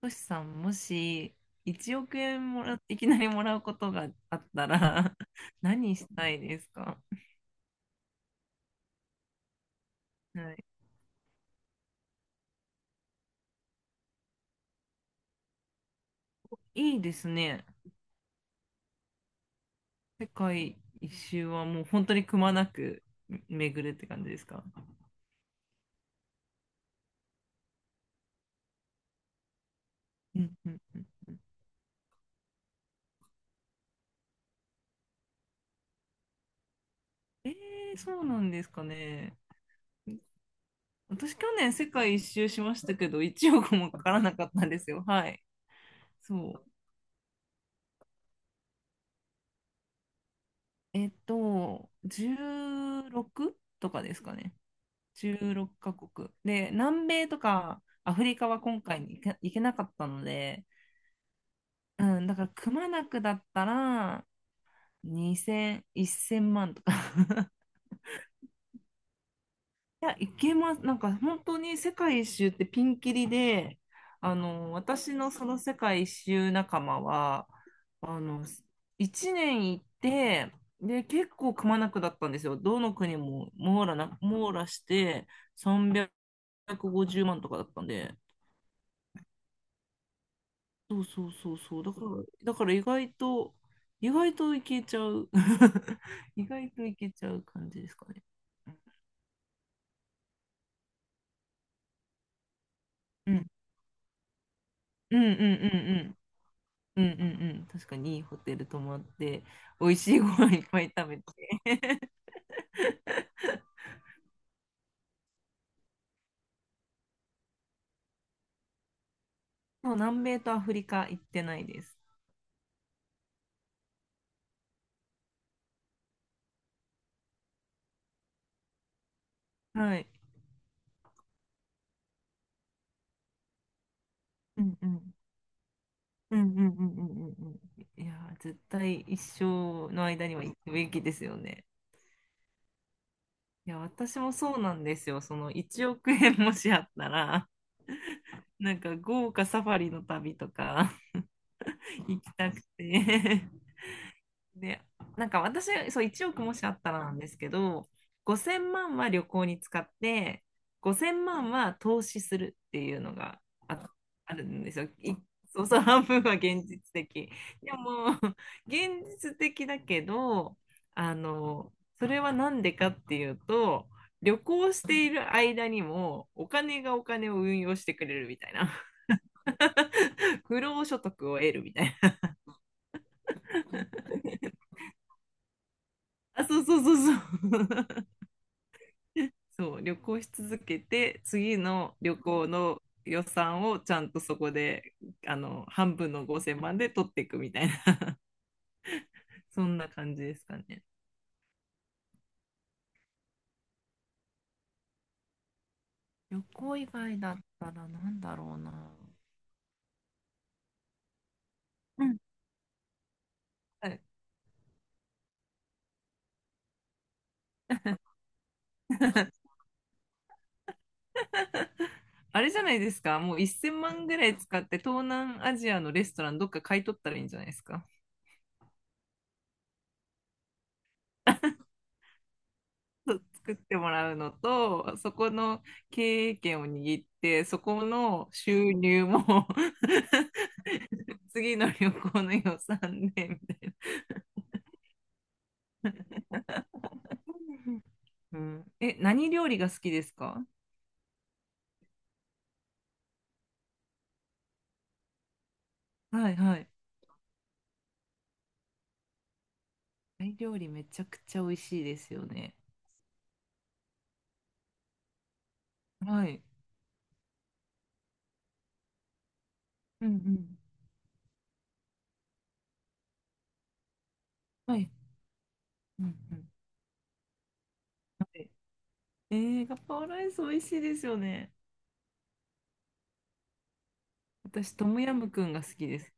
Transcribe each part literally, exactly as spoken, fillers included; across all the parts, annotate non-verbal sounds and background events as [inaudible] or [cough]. トシさん、もしいちおく円もら、いきなりもらうことがあったら [laughs] 何したいですか？はい。いいですね。世界一周はもう本当にくまなく巡るって感じですか？うんうんうん。えー、そうなんですかね。私去年世界一周しましたけど、いちおくもかからなかったんですよ。はい。そう。えっと、じゅうろくとかですかね。じゅうろっかこくカ国。で、南米とかアフリカは今回に行け、行けなかったので、うん、だからくまなくだったらにせん、せんまんとか [laughs] いや、行けます。なんか本当に世界一周ってピンキリで、あの、私のその世界一周仲間は、あの、いちねん行って、で、結構くまなくだったんですよ。どの国も網羅な、網羅してさんびゃくごじゅうまんとかだったんで、そうそうそうそう。だから、だから意外と、意外といけちゃう。[laughs] 意外といけちゃう感じですかね。うん。うんうんうんうん。うんうんうん。確かにいいホテル泊まって、美味しいご飯いっぱい食べて。[laughs] もう南米とアフリカ行ってないです。はい。うんうん。うんうんうんうんうんうん。いやー、絶対一生の間には行くべきですよね。いや、私もそうなんですよ。そのいちおく円もしあったら、なんか豪華サファリの旅とか [laughs] 行きたくて [laughs] で、なんか私、そう、いちおくもしあったらなんですけど、ごせんまんは旅行に使って、ごせんまんは投資するっていうのがあ、あるんですよ。いそうそう、半分は現実的。でも、現実的だけど、あの、それは何でかっていうと、旅行している間にもお金がお金を運用してくれるみたいな。[laughs] 不労所得を得るみたいな。[laughs] あ、そうそうそうそう。[laughs] そう、旅行し続けて、次の旅行の予算をちゃんとそこで、あの、半分のごせんまんで取っていくみたいな、[laughs] そんな感じですかね。旅行以外だったらなんだろうな。うん。はい。 [laughs] あれじゃないですか、もうせんまんぐらい使って東南アジアのレストランどっか買い取ったらいいんじゃないですか。作ってもらうのと、そこの経営権を握って、そこの収入も [laughs] 次の旅行の予算でみたいな、うん。え、何料理が好きですか？はいはい。タイ料理めちゃくちゃ美味しいですよね。はい。うんうん。はい。うんうん。はい。えー、ガパオライス美味しいですよね。私、トムヤムクンが好きです。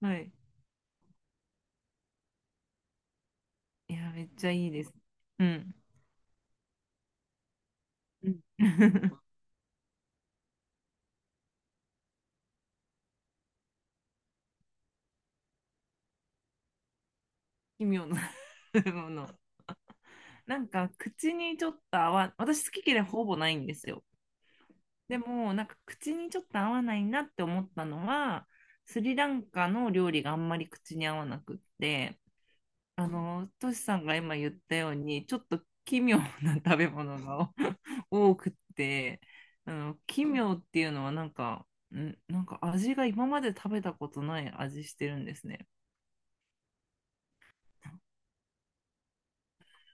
はい。いや、めっちゃいいです。うん。うん [laughs] 奇妙な [laughs] もの。なんか口にちょっと合わ、私好き嫌いほぼないんですよ。でもなんか口にちょっと合わないなって思ったのは、スリランカの料理があんまり口に合わなくって、あの、トシさんが今言ったように、ちょっと奇妙な食べ物が [laughs] 多くって、[laughs] あの、奇妙っていうのはなんか、ん、なんか味が今まで食べたことない味してるんですね。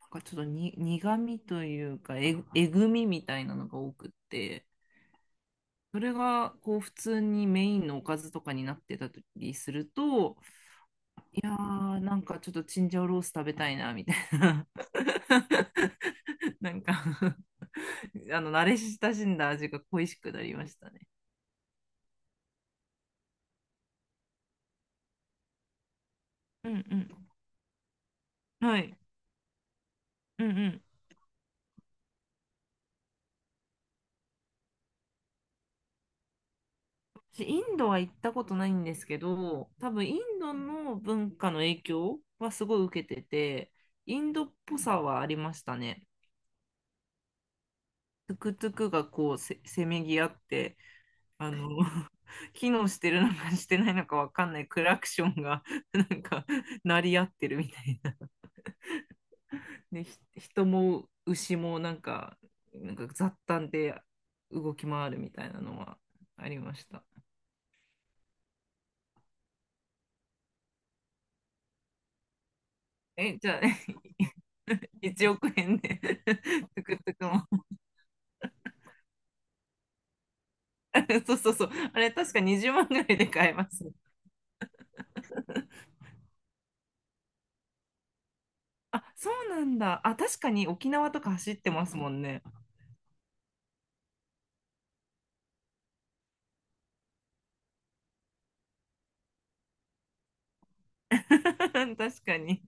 なんかちょっとに苦味というかえぐ、えぐみみたいなのが多くって、それがこう普通にメインのおかずとかになってたりすると、いやー、なんかちょっとチンジャオロース食べたいなみたいな、[laughs] なんか [laughs] あの慣れ親しんだ味が恋しくなりましたね。うんうん。はい。うんうん。私インドは行ったことないんですけど、多分インドの文化の影響はすごい受けてて、インドっぽさはありましたね。トゥクトゥクがこうせ、せめぎ合って、あの [laughs]、機能してるのかしてないのかわかんないクラクションが [laughs] なんか鳴り合ってるみたいな。[laughs] で、ひ人も牛もなんか、なんか、雑談で動き回るみたいなのはありました。え、じゃあ、[laughs] いちおく円で [laughs] トゥクトゥクも [laughs] そうそうそう。あれ、確かにじゅうまんぐらいで買えます。あ、そうなんだ。あ、確かに沖縄とか走ってますもんね。[laughs] 確かに。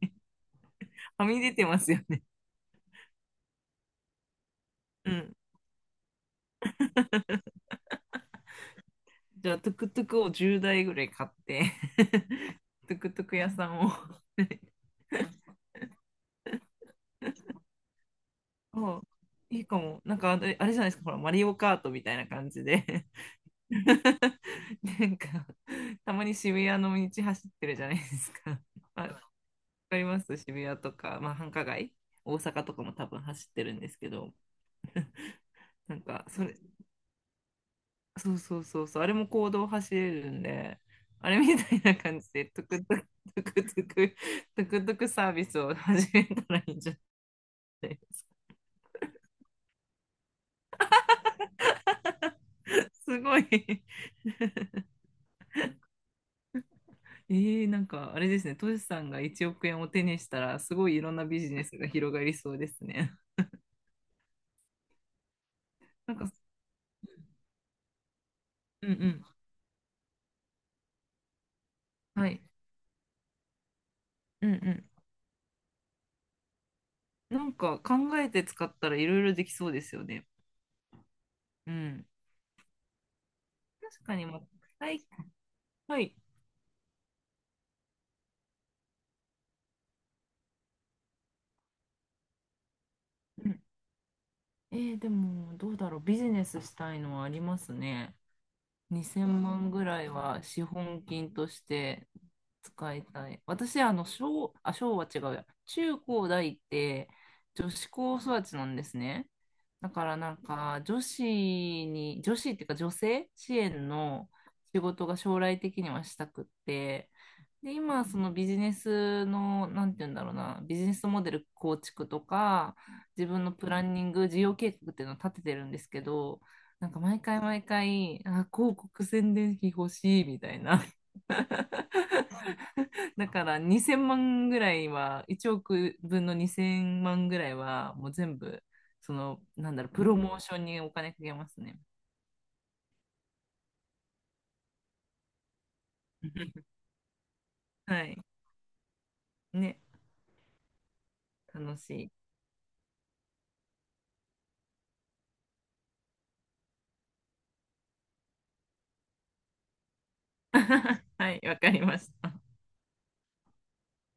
はみ出てますよね。うん。じゃあ、トゥクトゥクをじゅうだいぐらい買って [laughs] トゥクトゥク屋さんを [laughs] あ、いいかも。なんかあれ、あれじゃないですか、ほら、マリオカートみたいな感じで [laughs] なんか、たまに渋谷の道走ってるじゃないですか。あ、わかります。渋谷とか、まあ、繁華街、大阪とかも多分走ってるんですけど、なんか、それ、そうそうそうそう、あれも公道走れるんで、あれみたいな感じで、トゥクトゥク、トゥクトゥク、トゥクトゥクサービスを始めたらいいんじゃない [laughs] すごい [laughs] えー、なんかあれですね、トシさんがいちおく円を手にしたら、すごいいろんなビジネスが広がりそうですね。[laughs] なんか、うんうん、はい、うんうん。なんか考えて使ったらいろいろできそうですよね。うん。確かに、まあ、はい、はい。うん。えー、でも、どうだろう、ビジネスしたいのはありますね。にせんまんぐらいは資本金として使いたい。私、あの、小、あ、小は違うや。中高大って女子高育ちなんですね。だからなんか、女子に、女子っていうか女性支援の仕事が将来的にはしたくって、で、今、そのビジネスの、なんて言うんだろうな、ビジネスモデル構築とか、自分のプランニング、事業計画っていうのを立ててるんですけど、なんか毎回毎回、あ、広告宣伝費欲しいみたいな。[laughs] だからにせんまんぐらいは、いちおくぶんのにせんまんぐらいは、もう全部、その、なんだろう、プロモーションにお金かけますね。[laughs] はい。ね、楽しい。[laughs] はい、わかりました。